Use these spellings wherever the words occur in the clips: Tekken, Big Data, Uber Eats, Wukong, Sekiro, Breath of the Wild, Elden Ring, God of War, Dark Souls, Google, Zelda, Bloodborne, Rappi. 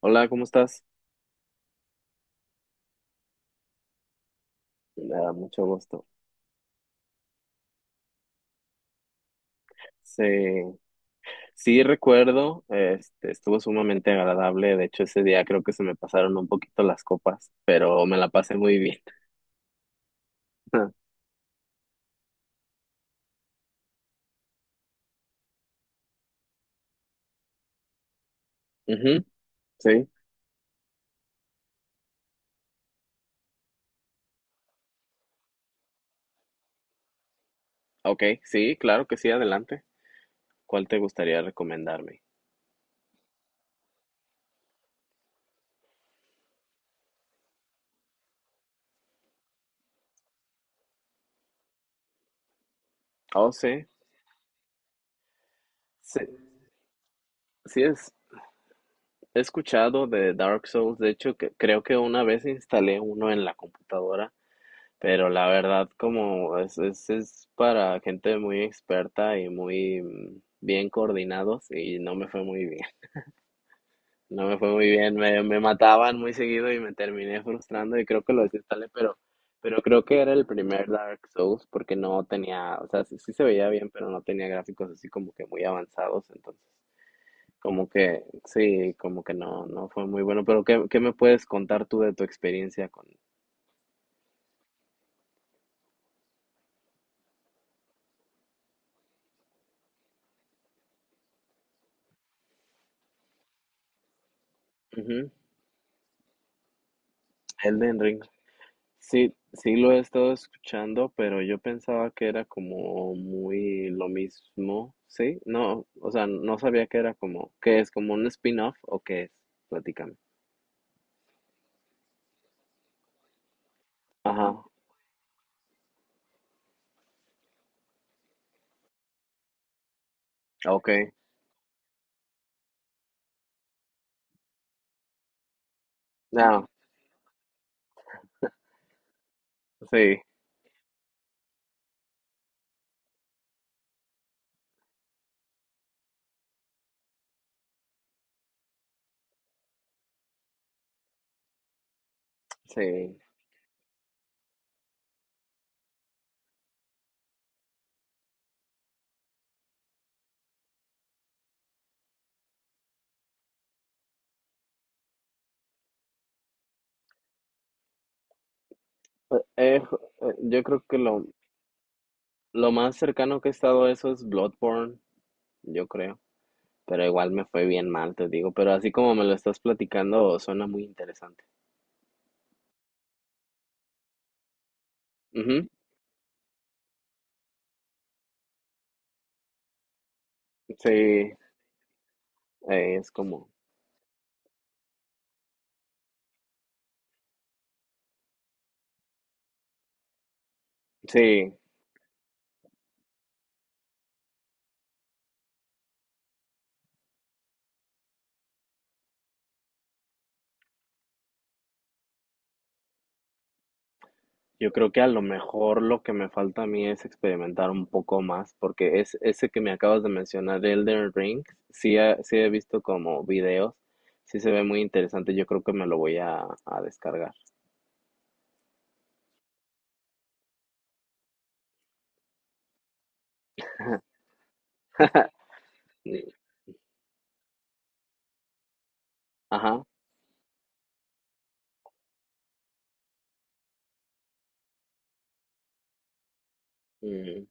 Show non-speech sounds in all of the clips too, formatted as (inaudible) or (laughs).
Hola, ¿cómo estás? Me da mucho gusto. Sí, sí recuerdo, estuvo sumamente agradable. De hecho, ese día creo que se me pasaron un poquito las copas, pero me la pasé muy bien. (laughs) Ujú, sí, ok, sí, claro que sí, adelante. ¿Cuál te gustaría recomendarme? Oh, sí, sí, sí, he escuchado de Dark Souls. De hecho, creo que una vez instalé uno en la computadora. Pero la verdad, como es para gente muy experta y muy bien coordinados y no me fue muy bien. (laughs) No me fue muy bien, me mataban muy seguido y me terminé frustrando y creo que lo desinstalé, pero, creo que era el primer Dark Souls porque no tenía, o sea, sí, sí se veía bien, pero no tenía gráficos así como que muy avanzados, entonces como que sí, como que no, no fue muy bueno. Pero ¿qué me puedes contar tú de tu experiencia con, ujú, Elden Ring? Sí, sí lo he estado escuchando, pero yo pensaba que era como muy lo mismo, ¿sí? No, o sea, no sabía que era como, ¿qué es? ¿Como un spin-off o qué es? Platícame. Ajá, ok. No, sí, sí. Eh, yo creo que lo más cercano que he estado a eso es Bloodborne, yo creo. Pero igual me fue bien mal, te digo. Pero así como me lo estás platicando, suena muy interesante. Ujú, sí, es como, sí. Yo creo que a lo mejor lo que me falta a mí es experimentar un poco más, porque es ese que me acabas de mencionar, Elden Ring, sí, sí he visto como videos, sí se ve muy interesante, yo creo que me lo voy a descargar. (laughs) Mm, ajá. Mm,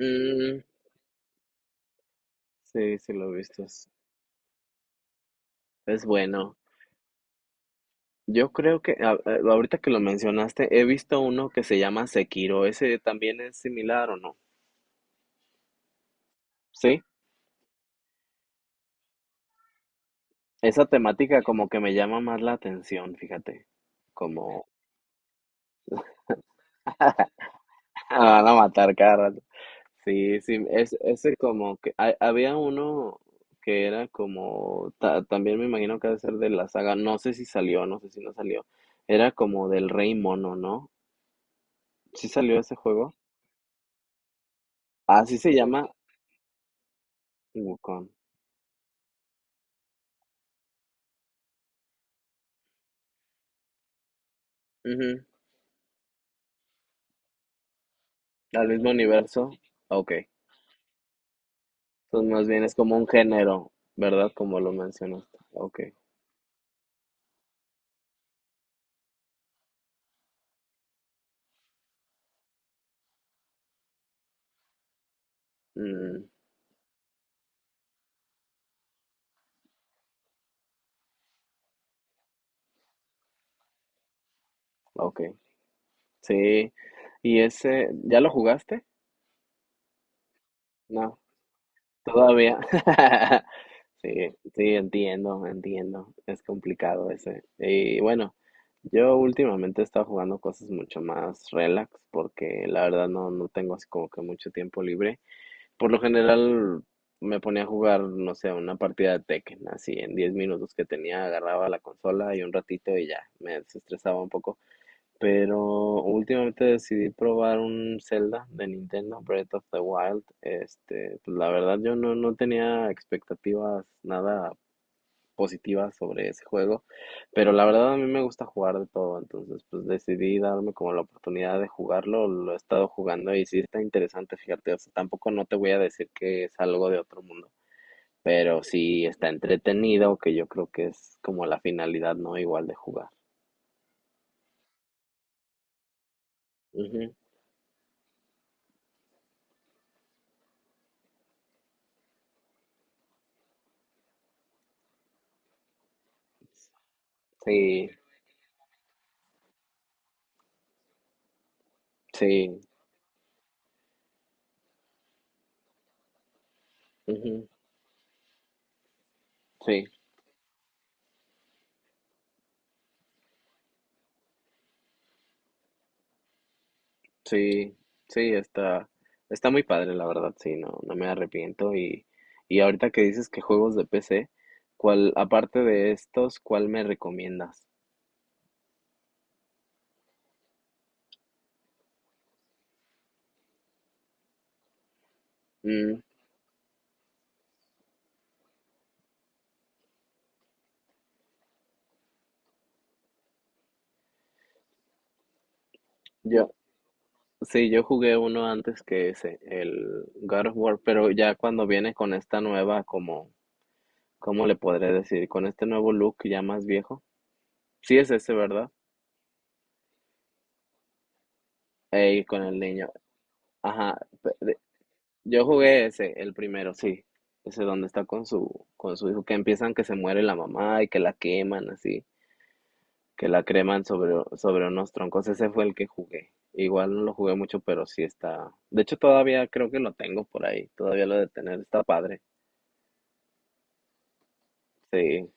mm, sí, sí lo he visto. Es bueno. Yo creo que ahorita que lo mencionaste, he visto uno que se llama Sekiro. ¿Ese también es similar o no? Sí. Esa temática como que me llama más la atención, fíjate. Como Me van a matar cada rato. Sí, sí, ese como que había uno que era como, también me imagino que debe ser de la saga, no sé si salió, no sé si no salió, era como del Rey Mono, ¿no? ¿Sí salió ese juego? Así se llama Wukong. Ujú, al mismo universo. Ok. Entonces más bien es como un género, ¿verdad? Como lo mencionaste. Ok. Mm, ok. Sí. ¿Y ese, ya lo jugaste? No. Todavía. (laughs) Sí, sí, entiendo, entiendo. Es complicado ese. Y bueno, yo últimamente he estado jugando cosas mucho más relax porque la verdad no tengo así como que mucho tiempo libre. Por lo general me ponía a jugar, no sé, una partida de Tekken, así en 10 minutos que tenía, agarraba la consola y un ratito y ya, me desestresaba un poco. Pero últimamente decidí probar un Zelda de Nintendo, Breath of the Wild. Pues la verdad yo no tenía expectativas nada positivas sobre ese juego, pero la verdad a mí me gusta jugar de todo, entonces pues decidí darme como la oportunidad de jugarlo, lo he estado jugando y sí está interesante, fíjate, o sea, tampoco no te voy a decir que es algo de otro mundo, pero sí está entretenido, que yo creo que es como la finalidad, ¿no? Igual de jugar. Ujú. Sí, sí, ujú, sí, sí, sí, está muy padre, la verdad, sí, no, no me arrepiento. Y ahorita que dices que juegos de PC, ¿cuál, aparte de estos, cuál me recomiendas? Mm, yo, sí, yo jugué uno antes que ese, el God of War, pero ya cuando viene con esta nueva, como, ¿cómo le podré decir? Con este nuevo look ya más viejo. Sí es ese, ¿verdad? Ey, con el niño. Ajá, yo jugué ese, el primero, sí. Ese donde está con su hijo, que empiezan que se muere la mamá y que la queman así, que la creman sobre unos troncos. Ese fue el que jugué. Igual no lo jugué mucho, pero sí está. De hecho, todavía creo que lo tengo por ahí. Todavía lo de tener está padre. Sí.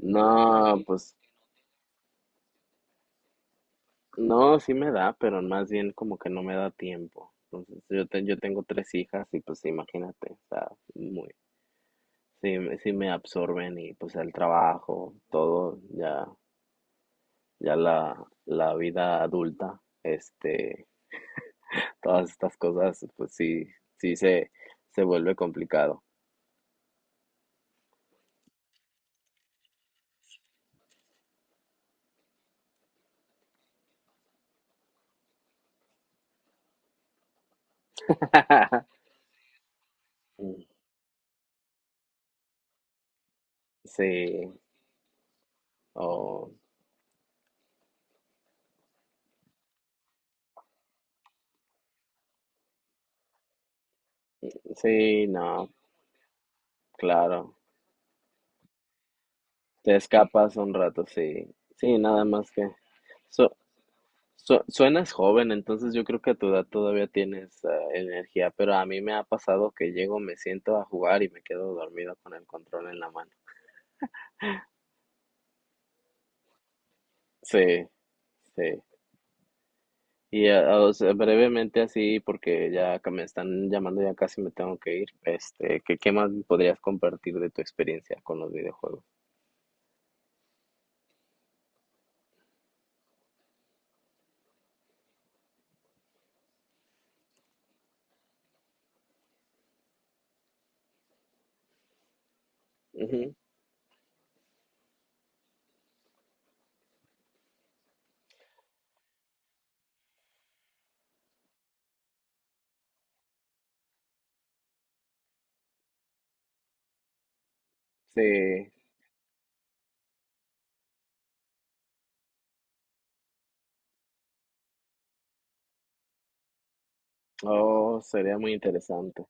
No, pues, no, sí me da, pero más bien como que no me da tiempo. Entonces, yo tengo tres hijas y pues imagínate, está muy. Sí, sí me absorben y pues el trabajo, todo, ya, ya la vida adulta, (laughs) todas estas cosas, pues sí, sí se vuelve complicado. Mm. Sí, o sí, no, claro, te escapas un rato, sí, sí, nada más que, so- Suenas joven, entonces yo creo que a tu edad todavía tienes energía, pero a mí me ha pasado que llego, me siento a jugar y me quedo dormido con el control en la mano. Sí, sí. Y o sea, brevemente así, porque ya que me están llamando, ya casi me tengo que ir. ¿Qué más podrías compartir de tu experiencia con los videojuegos? Ujú, sí, oh, sería muy interesante.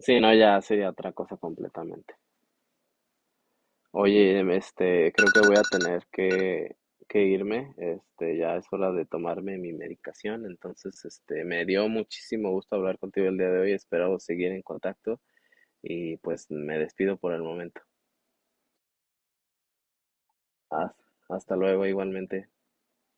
Sí, no, ya sería otra cosa completamente. Oye, creo que voy a tener que irme, ya es hora de tomarme mi medicación, entonces, me dio muchísimo gusto hablar contigo el día de hoy, espero seguir en contacto y pues me despido por el momento. Haz- Hasta luego, igualmente.